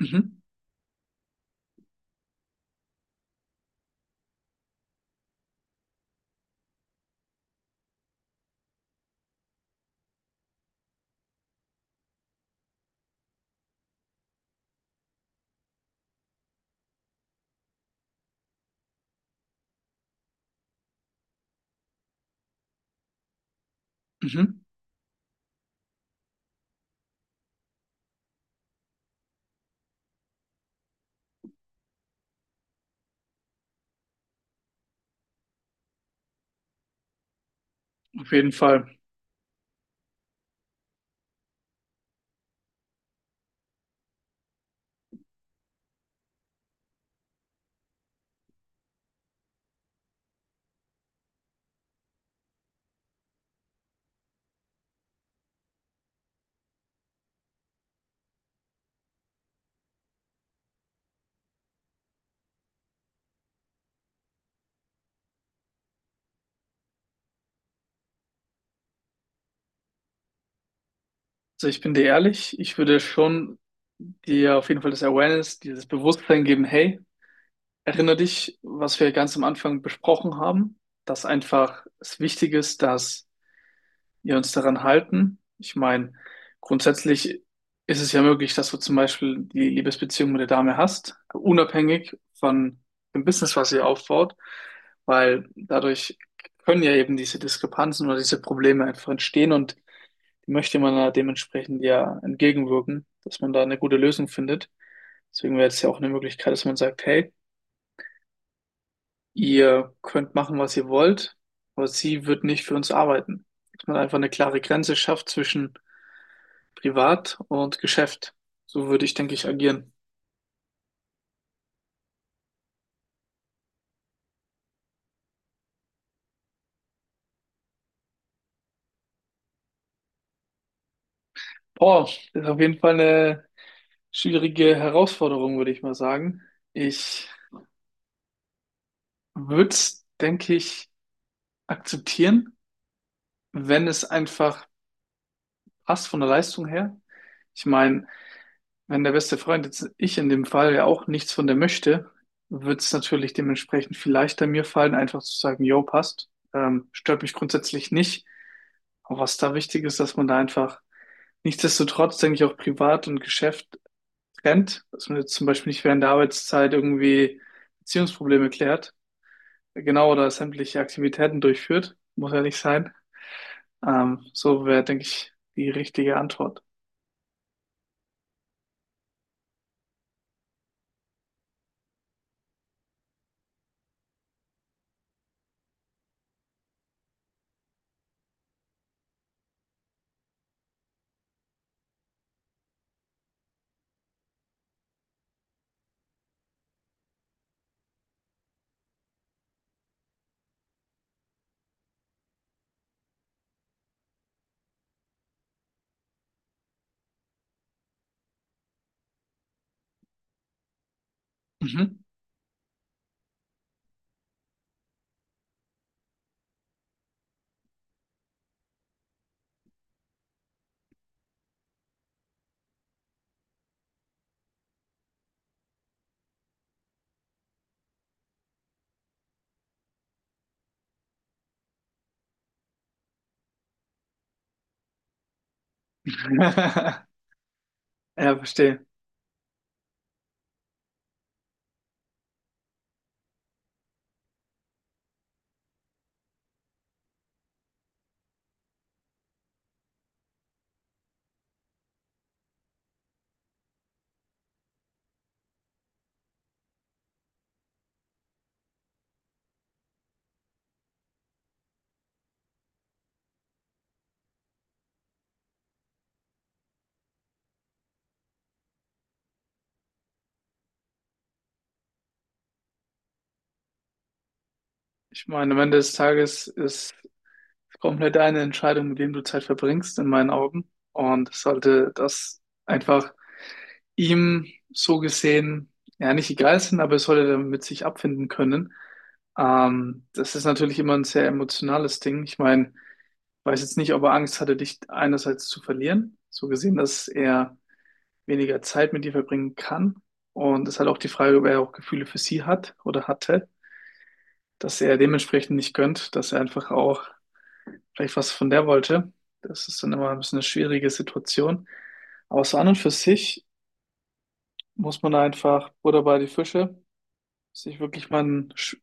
Mhm, mhm, auf jeden Fall. Also ich bin dir ehrlich, ich würde schon dir auf jeden Fall das Awareness, dieses Bewusstsein geben, hey, erinnere dich, was wir ganz am Anfang besprochen haben, dass einfach es wichtig ist, dass wir uns daran halten. Ich meine, grundsätzlich ist es ja möglich, dass du zum Beispiel die Liebesbeziehung mit der Dame hast, unabhängig von dem Business, was ihr aufbaut, weil dadurch können ja eben diese Diskrepanzen oder diese Probleme einfach entstehen und möchte man da dementsprechend ja entgegenwirken, dass man da eine gute Lösung findet. Deswegen wäre jetzt ja auch eine Möglichkeit, dass man sagt, hey, ihr könnt machen, was ihr wollt, aber sie wird nicht für uns arbeiten. Dass man einfach eine klare Grenze schafft zwischen Privat und Geschäft. So würde ich, denke ich, agieren. Boah, das ist auf jeden Fall eine schwierige Herausforderung, würde ich mal sagen. Ich würde es, denke ich, akzeptieren, wenn es einfach passt von der Leistung her. Ich meine, wenn der beste Freund jetzt ich in dem Fall ja auch nichts von der möchte, wird es natürlich dementsprechend viel leichter mir fallen, einfach zu sagen, yo, passt. Stört mich grundsätzlich nicht. Aber was da wichtig ist, dass man da einfach nichtsdestotrotz, denke ich, auch privat und Geschäft trennt, dass man jetzt zum Beispiel nicht während der Arbeitszeit irgendwie Beziehungsprobleme klärt, genau, oder sämtliche Aktivitäten durchführt, muss ja nicht sein. So wäre, denke ich, die richtige Antwort. Mhm. Ja, verstehe. Ich meine, am Ende des Tages ist komplett deine Entscheidung, mit wem du Zeit verbringst, in meinen Augen. Und es sollte das einfach ihm so gesehen, ja, nicht egal sein, aber es sollte damit sich abfinden können. Das ist natürlich immer ein sehr emotionales Ding. Ich meine, ich weiß jetzt nicht, ob er Angst hatte, dich einerseits zu verlieren, so gesehen, dass er weniger Zeit mit dir verbringen kann. Und es ist halt auch die Frage, ob er auch Gefühle für sie hat oder hatte, dass er dementsprechend nicht gönnt, dass er einfach auch vielleicht was von der wollte. Das ist dann immer ein bisschen eine schwierige Situation. Aber so an und für sich muss man da einfach Butter bei die Fische, sich wirklich mal ein... Sch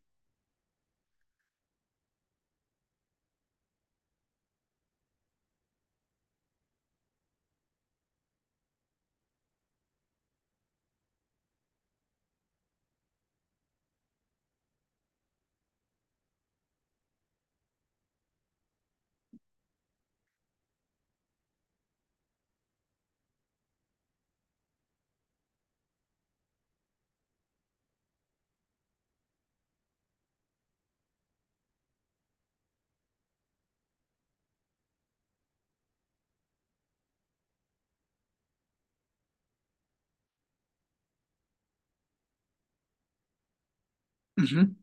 mhm.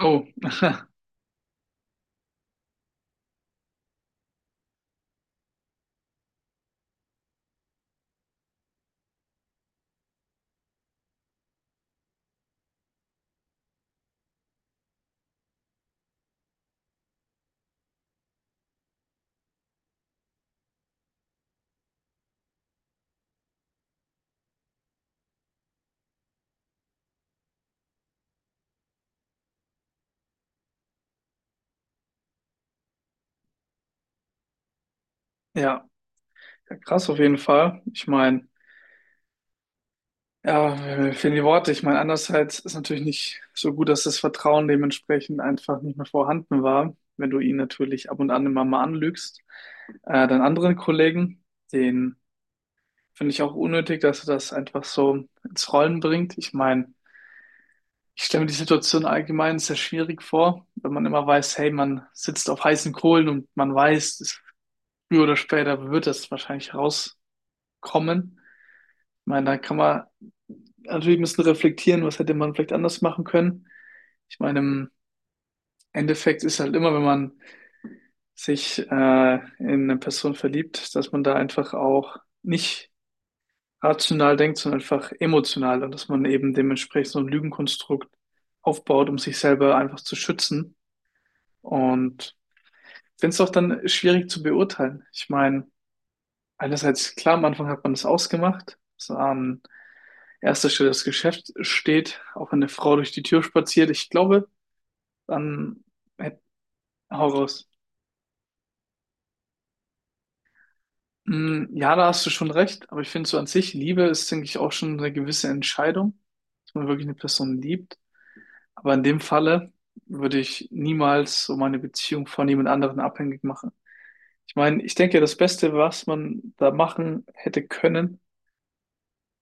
Oh, ja. Ja, krass auf jeden Fall. Ich meine, ja, mir fehlen die Worte. Ich meine, andererseits ist natürlich nicht so gut, dass das Vertrauen dementsprechend einfach nicht mehr vorhanden war, wenn du ihn natürlich ab und an immer mal anlügst. Deinen anderen Kollegen, den finde ich auch unnötig, dass er das einfach so ins Rollen bringt. Ich meine, ich stelle mir die Situation allgemein sehr schwierig vor, wenn man immer weiß, hey, man sitzt auf heißen Kohlen und man weiß, es- früher oder später wird das wahrscheinlich rauskommen. Ich meine, da kann man natürlich ein bisschen reflektieren, was hätte man vielleicht anders machen können. Ich meine, im Endeffekt ist halt immer, wenn man sich in eine Person verliebt, dass man da einfach auch nicht rational denkt, sondern einfach emotional und dass man eben dementsprechend so ein Lügenkonstrukt aufbaut, um sich selber einfach zu schützen. Und ich finde es auch dann schwierig zu beurteilen. Ich meine, einerseits, klar, am Anfang hat man das ausgemacht, dass an erster Stelle das Geschäft steht, auch wenn eine Frau durch die Tür spaziert. Ich glaube, dann hätt- hau raus. Mm, ja, da hast du schon recht, aber ich finde so an sich, Liebe ist, denke ich, auch schon eine gewisse Entscheidung, dass man wirklich eine Person liebt. Aber in dem Falle würde ich niemals so meine Beziehung von jemand anderem abhängig machen. Ich meine, ich denke, das Beste, was man da machen hätte können,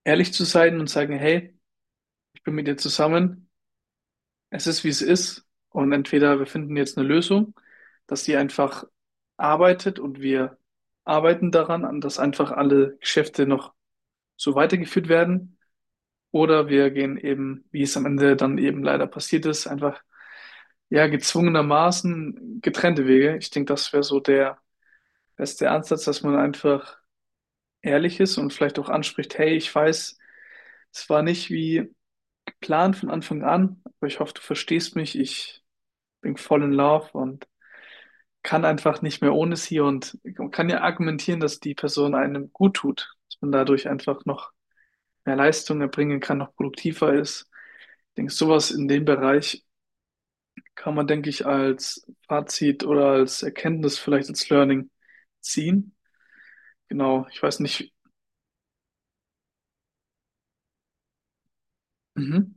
ehrlich zu sein und sagen, hey, ich bin mit dir zusammen, es ist, wie es ist und entweder wir finden jetzt eine Lösung, dass die einfach arbeitet und wir arbeiten daran, an dass einfach alle Geschäfte noch so weitergeführt werden oder wir gehen eben, wie es am Ende dann eben leider passiert ist, einfach ja gezwungenermaßen getrennte Wege. Ich denke, das wäre so der beste Ansatz, dass man einfach ehrlich ist und vielleicht auch anspricht, hey, ich weiß, es war nicht wie Plan von Anfang an, aber ich hoffe, du verstehst mich. Ich bin voll in Love und kann einfach nicht mehr ohne sie und man kann ja argumentieren, dass die Person einem gut tut, dass man dadurch einfach noch mehr Leistung erbringen kann, noch produktiver ist. Ich denke, sowas in dem Bereich kann man, denke ich, als Fazit oder als Erkenntnis, vielleicht als Learning ziehen. Genau, ich weiß nicht. Mhm.